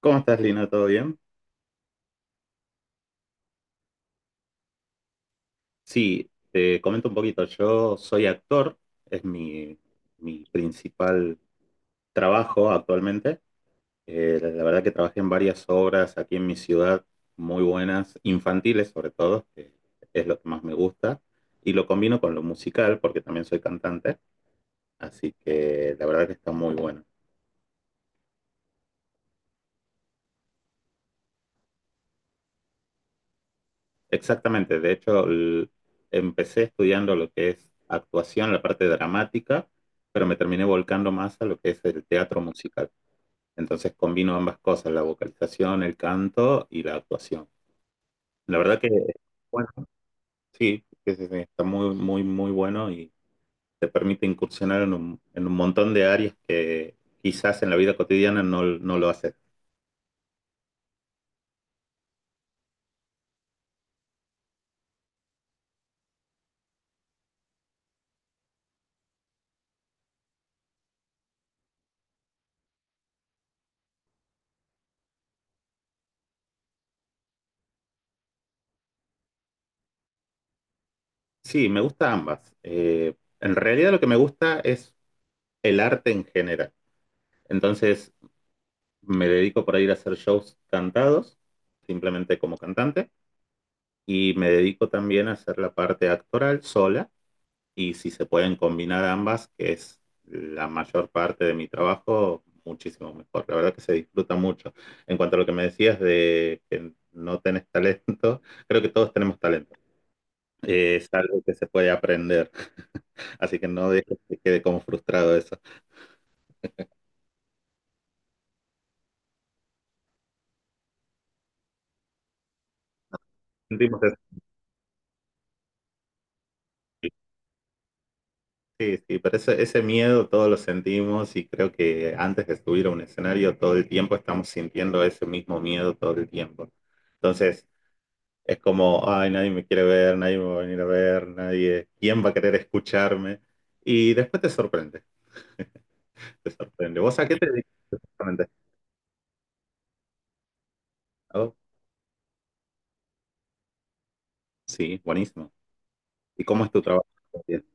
¿Cómo estás, Lina? ¿Todo bien? Sí, te comento un poquito. Yo soy actor, es mi principal trabajo actualmente. La verdad que trabajé en varias obras aquí en mi ciudad, muy buenas, infantiles sobre todo, que es lo que más me gusta. Y lo combino con lo musical, porque también soy cantante, así que la verdad que está muy bueno. Exactamente, de hecho empecé estudiando lo que es actuación, la parte dramática, pero me terminé volcando más a lo que es el teatro musical. Entonces combino ambas cosas, la vocalización, el canto y la actuación. La verdad que, bueno, sí, sí, sí, sí, está muy, muy, muy bueno y te permite incursionar en en un montón de áreas que quizás en la vida cotidiana no, no lo haces. Sí, me gusta ambas. En realidad lo que me gusta es el arte en general. Entonces, me dedico por ir a hacer shows cantados, simplemente como cantante, y me dedico también a hacer la parte actoral sola, y si se pueden combinar ambas, que es la mayor parte de mi trabajo, muchísimo mejor. La verdad que se disfruta mucho. En cuanto a lo que me decías de que no tenés talento, creo que todos tenemos talento. Es algo que se puede aprender. Así que no dejes que quede como frustrado eso. Sentimos eso. Sí, sí, pero ese miedo todos lo sentimos y creo que antes de subir a un escenario todo el tiempo estamos sintiendo ese mismo miedo todo el tiempo. Entonces es como, ay, nadie me quiere ver, nadie me va a venir a ver, nadie, ¿quién va a querer escucharme? Y después te sorprende, te sorprende. ¿Vos a qué te dedicas exactamente? Oh, sí, buenísimo. ¿Y cómo es tu trabajo? Bien.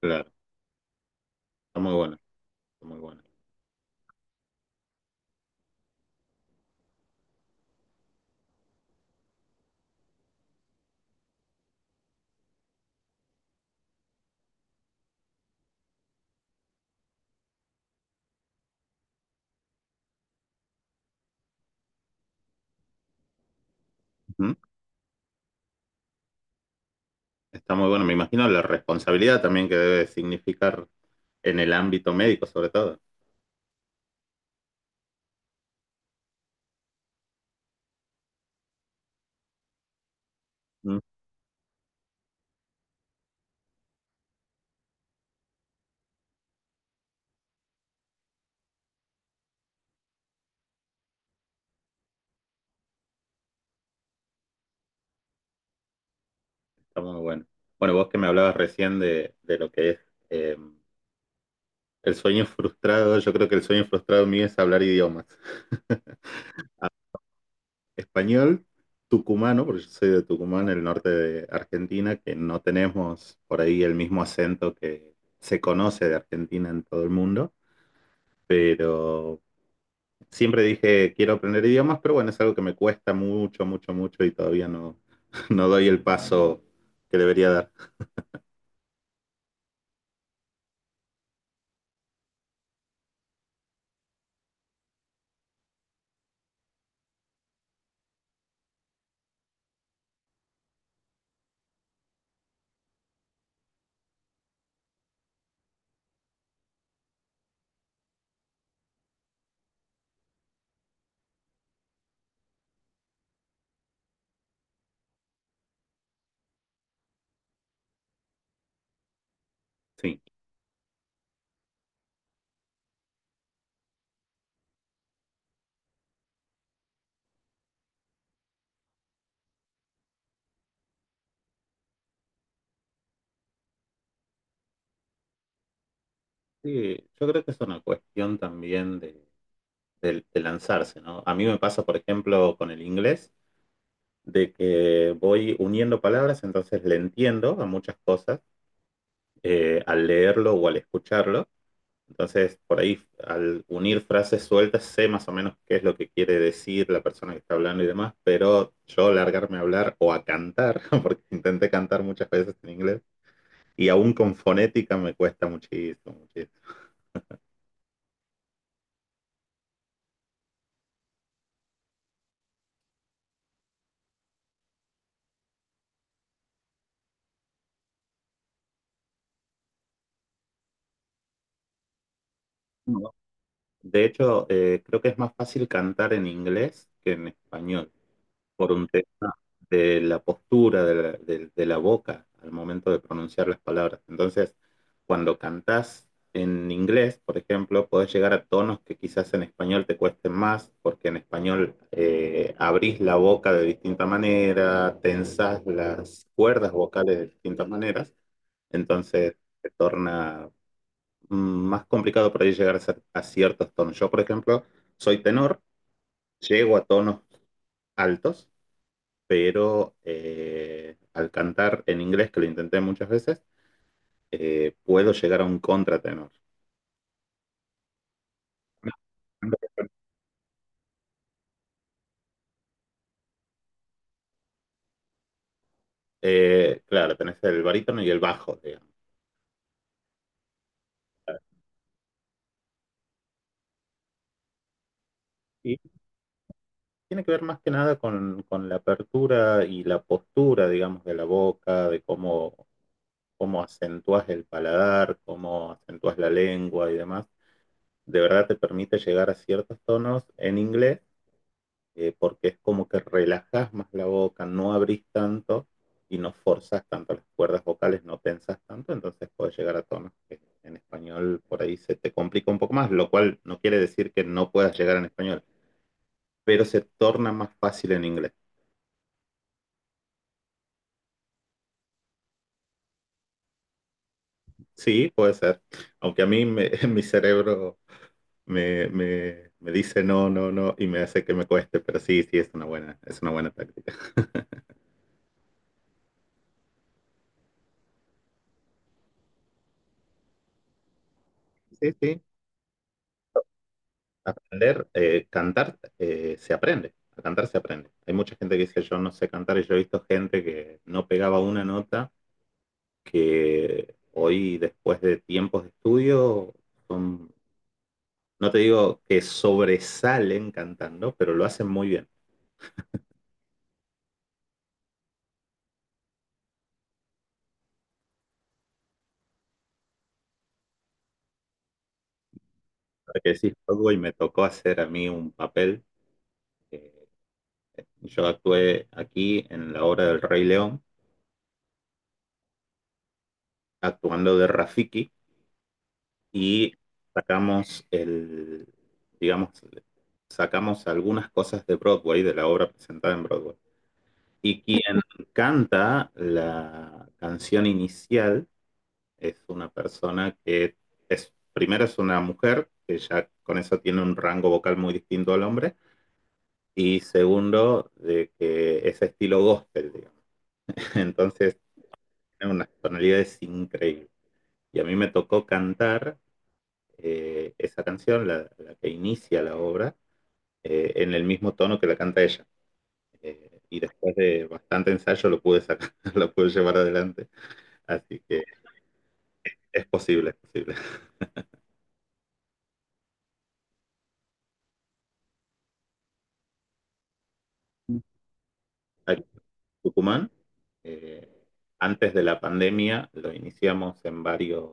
Claro, está muy bueno, está muy bueno. Ujú. Está muy bueno, me imagino la responsabilidad también que debe significar en el ámbito médico sobre todo. Está muy bueno. Bueno, vos que me hablabas recién de lo que es eh, el sueño frustrado, yo creo que el sueño frustrado mío es hablar idiomas. Español, tucumano, porque yo soy de Tucumán, el norte de Argentina, que no tenemos por ahí el mismo acento que se conoce de Argentina en todo el mundo, pero siempre dije quiero aprender idiomas, pero bueno, es algo que me cuesta mucho, mucho, mucho y todavía no, no doy el paso que debería dar. Sí. Sí, yo creo que es una cuestión también de de lanzarse, ¿no? A mí me pasa, por ejemplo, con el inglés, de que voy uniendo palabras, entonces le entiendo a muchas cosas al leerlo o al escucharlo. Entonces, por ahí, al unir frases sueltas, sé más o menos qué es lo que quiere decir la persona que está hablando y demás, pero yo largarme a hablar o a cantar, porque intenté cantar muchas veces en inglés, y aún con fonética me cuesta muchísimo, muchísimo. No. De hecho, creo que es más fácil cantar en inglés que en español, por un tema de la postura de de la boca al momento de pronunciar las palabras. Entonces, cuando cantás en inglés, por ejemplo, podés llegar a tonos que quizás en español te cuesten más, porque en español abrís la boca de distinta manera, tensás las cuerdas vocales de distintas maneras, entonces se torna más complicado por ahí llegar a, a ciertos tonos. Yo, por ejemplo, soy tenor, llego a tonos altos, pero al cantar en inglés, que lo intenté muchas veces, puedo llegar a un contratenor. Claro, tenés el barítono y el bajo, digamos. Y tiene que ver más que nada con la apertura y la postura, digamos, de la boca, de cómo, cómo acentúas el paladar, cómo acentúas la lengua y demás. De verdad te permite llegar a ciertos tonos en inglés porque es como que relajás más la boca, no abrís tanto y no forzas tanto las cuerdas vocales, no tensas tanto, entonces puedes llegar a tonos que en español por ahí se te complica un poco más, lo cual no quiere decir que no puedas llegar en español, pero se torna más fácil en inglés. Sí, puede ser, aunque a mí me, mi cerebro dice no, no, no, y me hace que me cueste, pero sí, sí, es una buena táctica. Sí, sí, aprender, cantar se aprende, a cantar se aprende. Hay mucha gente que dice yo no sé cantar y yo he visto gente que no pegaba una nota, que hoy después de tiempos de estudio son, no te digo que sobresalen cantando, pero lo hacen muy bien. Ahora que decís algo y me tocó hacer a mí un papel, eh, yo actué aquí en la obra del Rey León actuando de Rafiki y sacamos el, digamos, sacamos algunas cosas de Broadway, de la obra presentada en Broadway. Y quien canta la canción inicial es una persona que es, primero es una mujer, que ya con eso tiene un rango vocal muy distinto al hombre, y segundo, de que es estilo gospel, digamos. Entonces tiene unas tonalidades increíbles. Y a mí me tocó cantar esa canción, que inicia la obra, en el mismo tono que la canta ella. Y después de bastante ensayo lo pude sacar, lo pude llevar adelante. Así que es posible, es posible. Aquí en Tucumán, eh, antes de la pandemia, lo iniciamos en varios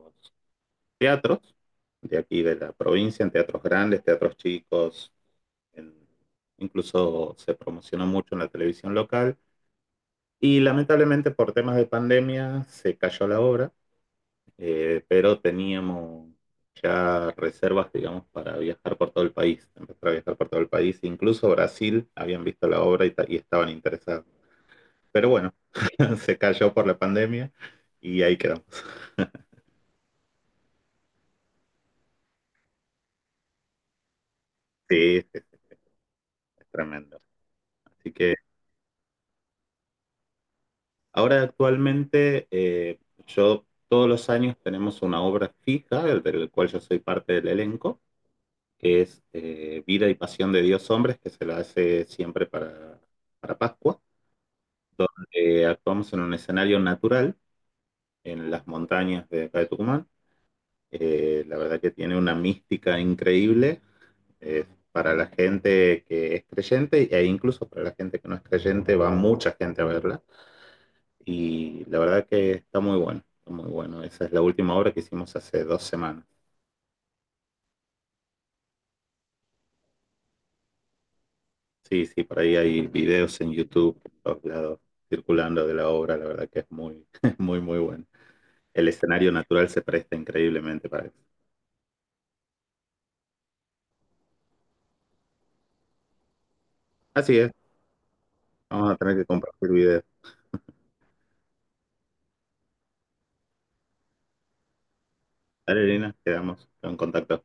teatros de aquí de la provincia, en teatros grandes, teatros chicos, en, incluso se promocionó mucho en la televisión local. Y lamentablemente por temas de pandemia se cayó la obra, pero teníamos ya reservas, digamos, para viajar por todo el país, empezar a viajar por todo el país, incluso Brasil, habían visto la obra y estaban interesados. Pero bueno, se cayó por la pandemia y ahí quedamos. Sí, sí, es tremendo. Así que ahora actualmente yo todos los años tenemos una obra fija, del cual yo soy parte del elenco, que es Vida y Pasión de Dios Hombres, que se la hace siempre para Pascua. Actuamos en un escenario natural, en las montañas de acá de Tucumán. La verdad que tiene una mística increíble. Eh, para la gente que es creyente e incluso para la gente que no es creyente, va mucha gente a verla. Y la verdad que está muy bueno, está muy bueno. Esa es la última obra que hicimos hace 2 semanas. Sí, sí, por ahí hay videos en YouTube, por todos lados, circulando de la obra. La verdad que es muy, muy, muy bueno. El escenario natural se presta increíblemente para eso. Así es. Vamos a tener que compartir video. Dale, Elena, quedamos en contacto.